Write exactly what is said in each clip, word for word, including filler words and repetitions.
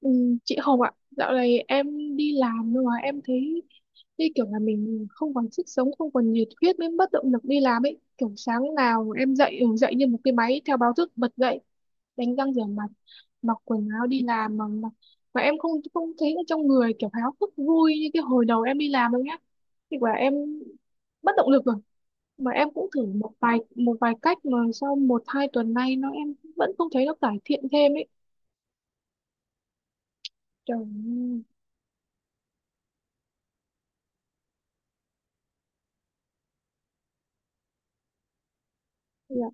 Ừ, chị Hồng ạ, dạo này em đi làm nhưng mà em thấy như kiểu là mình không còn sức sống, không còn nhiệt huyết mới mất động lực đi làm ấy. Kiểu sáng nào em dậy, ừ, dậy như một cái máy theo báo thức bật dậy, đánh răng rửa mặt, mặc quần áo đi làm mà mà, mà em không không thấy ở trong người kiểu háo hức vui như cái hồi đầu em đi làm đâu nhá. Thì quả em mất động lực rồi. Mà em cũng thử một vài một vài cách mà sau một hai tuần nay nó em vẫn không thấy nó cải thiện thêm ấy. Trời ơi. Dạ,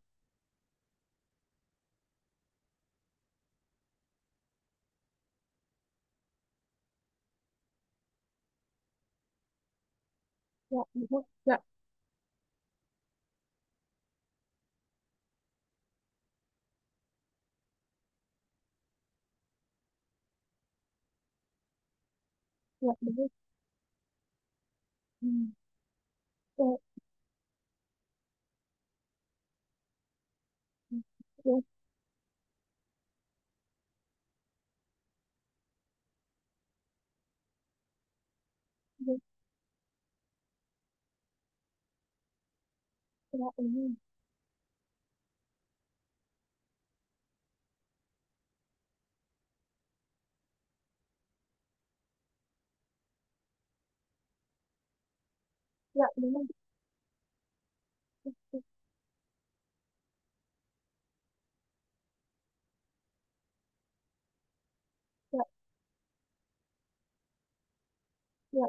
dạ, đúng rồi. Dạ. Dạ đúng rồi. Ừ. dạ dạ dạ dạ dạ, đúng rồi. Dạ đúng rồi. dạ dạ dạ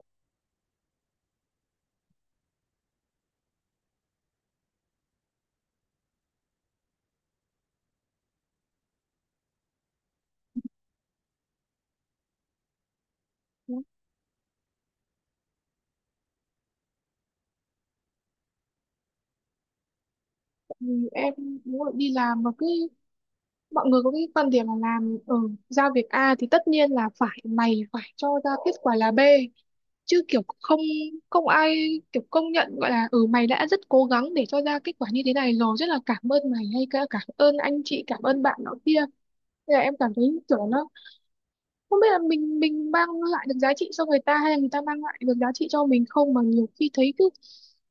dạ. Tại vì em đúng rồi, đi làm mà cứ mọi người có cái quan điểm là làm ở, giao việc A thì tất nhiên là phải mày phải cho ra kết quả là B chứ kiểu không, không ai kiểu công nhận gọi là ừ mày đã rất cố gắng để cho ra kết quả như thế này rồi, rất là cảm ơn mày hay cả cảm ơn anh chị, cảm ơn bạn nọ kia. Thế là em cảm thấy kiểu nó không biết là mình mình mang lại được giá trị cho người ta hay là người ta mang lại được giá trị cho mình không, mà nhiều khi thấy cứ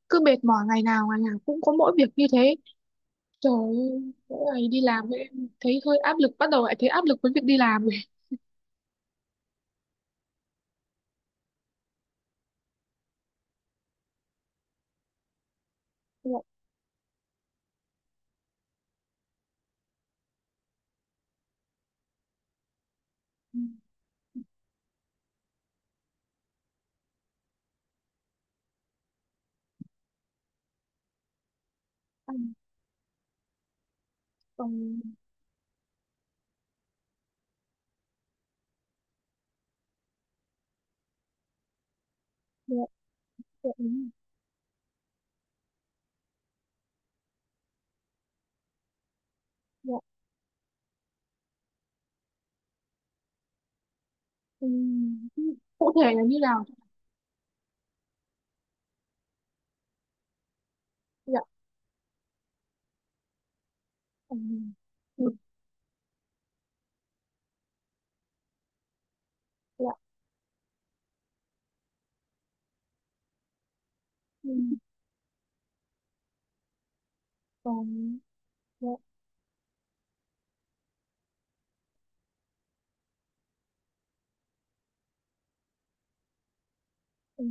cứ mệt mỏi, ngày nào ngày nào cũng có mỗi việc như thế. Trời ơi, mỗi ngày đi làm ấy, thấy hơi áp lực, bắt đầu lại thấy áp lực với việc đi làm rồi. Dạ, ừ, ăn, còn dạ, dạ, ừ, dạ, ừ, ừ. Cụ thể là như nào? Dạ, ừ, ừ, dạ, ừ, còn dạ, ừ,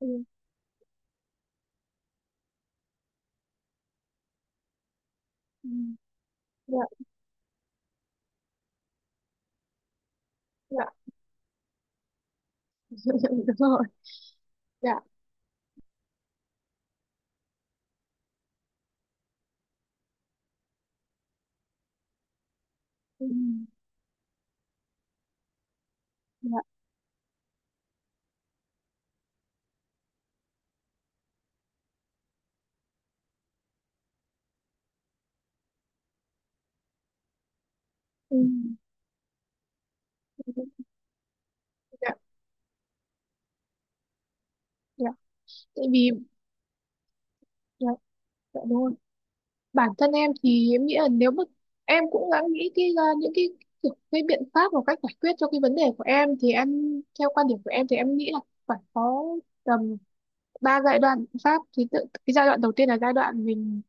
ừ, ừ, dạ, dạ đúng rồi. Dạ, ừ, dạ, ừ, ừ, dạ. Dạ, tại vì dạ, dạ đúng rồi. Bản thân em thì em nghĩ là, nếu mà em cũng đã nghĩ cái ra những cái kiểu cái biện pháp và cách giải quyết cho cái vấn đề của em, thì em theo quan điểm của em thì em nghĩ là phải có tầm ba giai đoạn biện pháp thì tự, cái giai đoạn đầu tiên là giai đoạn mình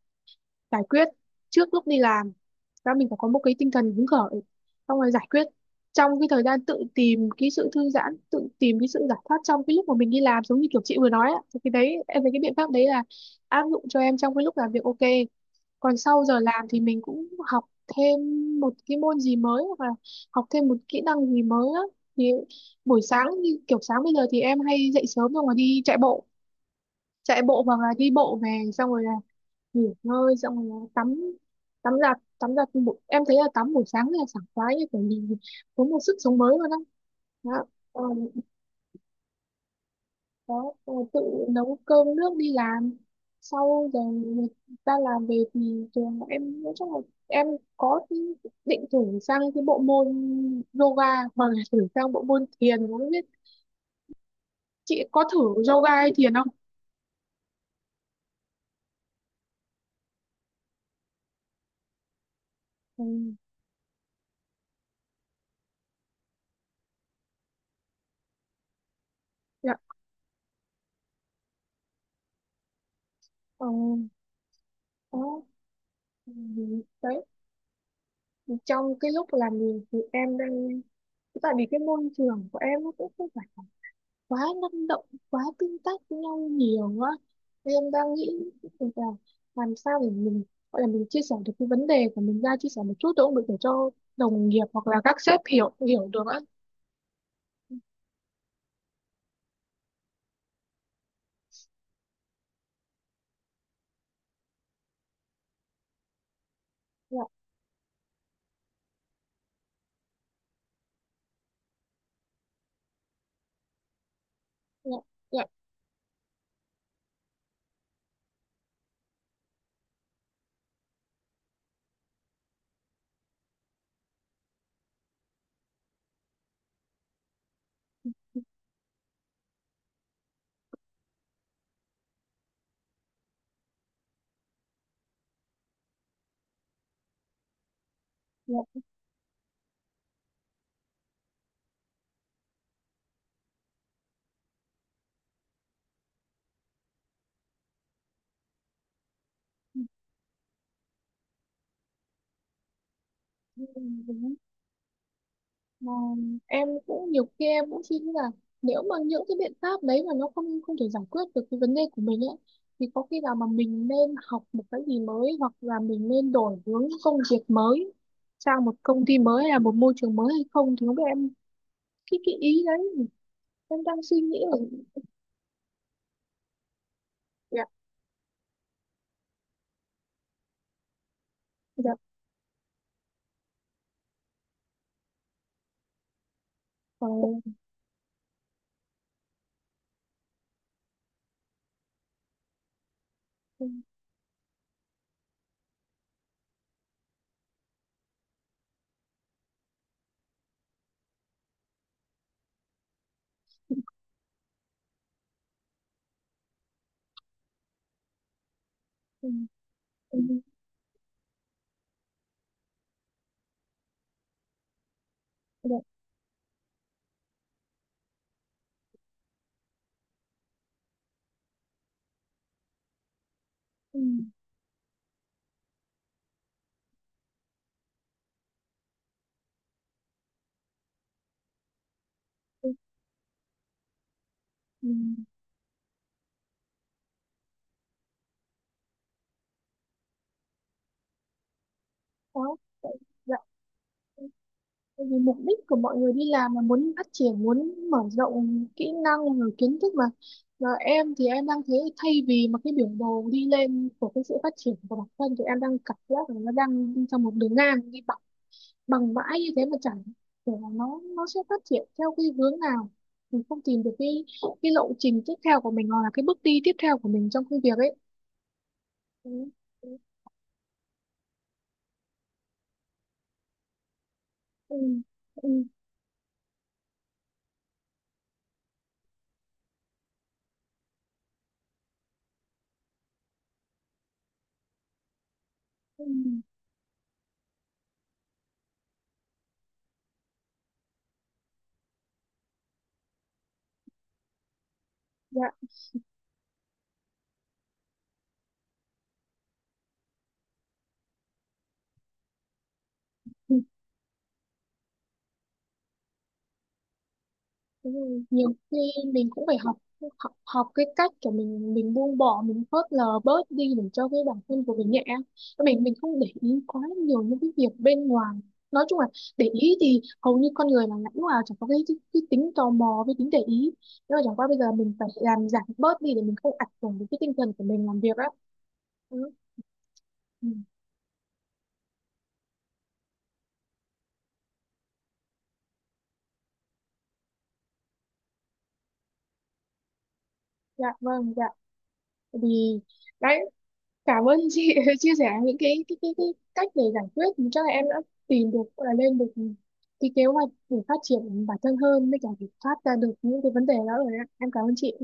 giải quyết trước lúc đi làm, và mình phải có một cái tinh thần hứng khởi, xong rồi giải quyết trong cái thời gian, tự tìm cái sự thư giãn, tự tìm cái sự giải thoát trong cái lúc mà mình đi làm giống như kiểu chị vừa nói ạ. Thì cái đấy em thấy cái biện pháp đấy là áp dụng cho em trong cái lúc làm việc, ok. Còn sau giờ làm thì mình cũng học thêm một cái môn gì mới, hoặc là học thêm một kỹ năng gì mới á. Thì buổi sáng, như kiểu sáng bây giờ thì em hay dậy sớm, xong rồi đi chạy bộ, chạy bộ hoặc là đi bộ về, xong rồi là nghỉ ngơi, xong rồi là tắm, tắm giặt, tắm giặt buổi- em thấy là tắm buổi sáng là sảng khoái, như kiểu nhìn có một sức sống mới luôn á. Đó, còn có ờ, tự nấu cơm nước đi làm sau giờ người ta làm về thì trường em nói chung là em có định thử sang cái bộ môn yoga, hoặc là thử sang bộ môn thiền, không biết chị có thử yoga hay thiền không? Ừ. Dạ, ờ, đó. Ừ, đấy, trong cái lúc làm việc thì em đang, tại vì cái môi trường của em nó cũng không phải quá năng động, quá tương tác với nhau nhiều á. Thì em đang nghĩ là làm sao để mình gọi là mình chia sẻ được cái vấn đề của mình ra, chia sẻ một chút cũng được, để cho đồng nghiệp hoặc là các sếp hiểu, hiểu được á. Dạ, dạ, dạ, dạ. Ờ, em cũng nhiều khi em cũng suy nghĩ là nếu mà những cái biện pháp đấy mà nó không không thể giải quyết được cái vấn đề của mình ấy, thì có khi nào mà mình nên học một cái gì mới, hoặc là mình nên đổi hướng công việc mới, sang một công ty mới hay là một môi trường mới hay không, thì không biết em cái cái ý đấy em đang suy nghĩ là. Dạ, dạ, ờ, ừ, ừ, ừ, dạ, ừ, ừ, ừ, đó, dạ. Tại vì mục đích của mọi người đi làm là muốn phát triển, muốn mở rộng kỹ năng rồi kiến thức mà. Và em thì em đang thấy thay vì mà cái biểu đồ đi lên của cái sự phát triển của bản thân, thì em đang cảm giác là nó đang đi trong một đường ngang, đi bằng bằng mãi như thế mà chẳng thể là nó nó sẽ phát triển theo cái hướng nào, mình không tìm được cái cái lộ trình tiếp theo của mình, hoặc là cái bước đi tiếp theo của mình trong công việc ấy. Ừ. Ừ. Ừ. Ừ. Ừ, dạ. Ừ. Đúng rồi. Nhiều khi mình cũng phải học, học, học cái cách của mình mình buông bỏ, mình phớt lờ bớt đi để cho cái bản thân của mình nhẹ, mình mình không để ý quá nhiều những cái việc bên ngoài. Nói chung là để ý thì hầu như con người mà lúc nào chẳng có cái, cái, cái tính tò mò với tính để ý, nhưng mà chẳng qua bây giờ mình phải làm giảm bớt đi để mình không ảnh hưởng đến cái tinh thần của mình làm việc á. Ừ. Ừ. Dạ vâng, dạ, vì đấy, cảm ơn chị đã chia sẻ những cái cái cái, cái cách để giải quyết. Thì chắc là em đã tìm được, gọi là lên được cái kế hoạch để phát triển bản thân hơn, với cả để thoát ra được những cái vấn đề đó rồi đấy ạ. Em cảm ơn chị.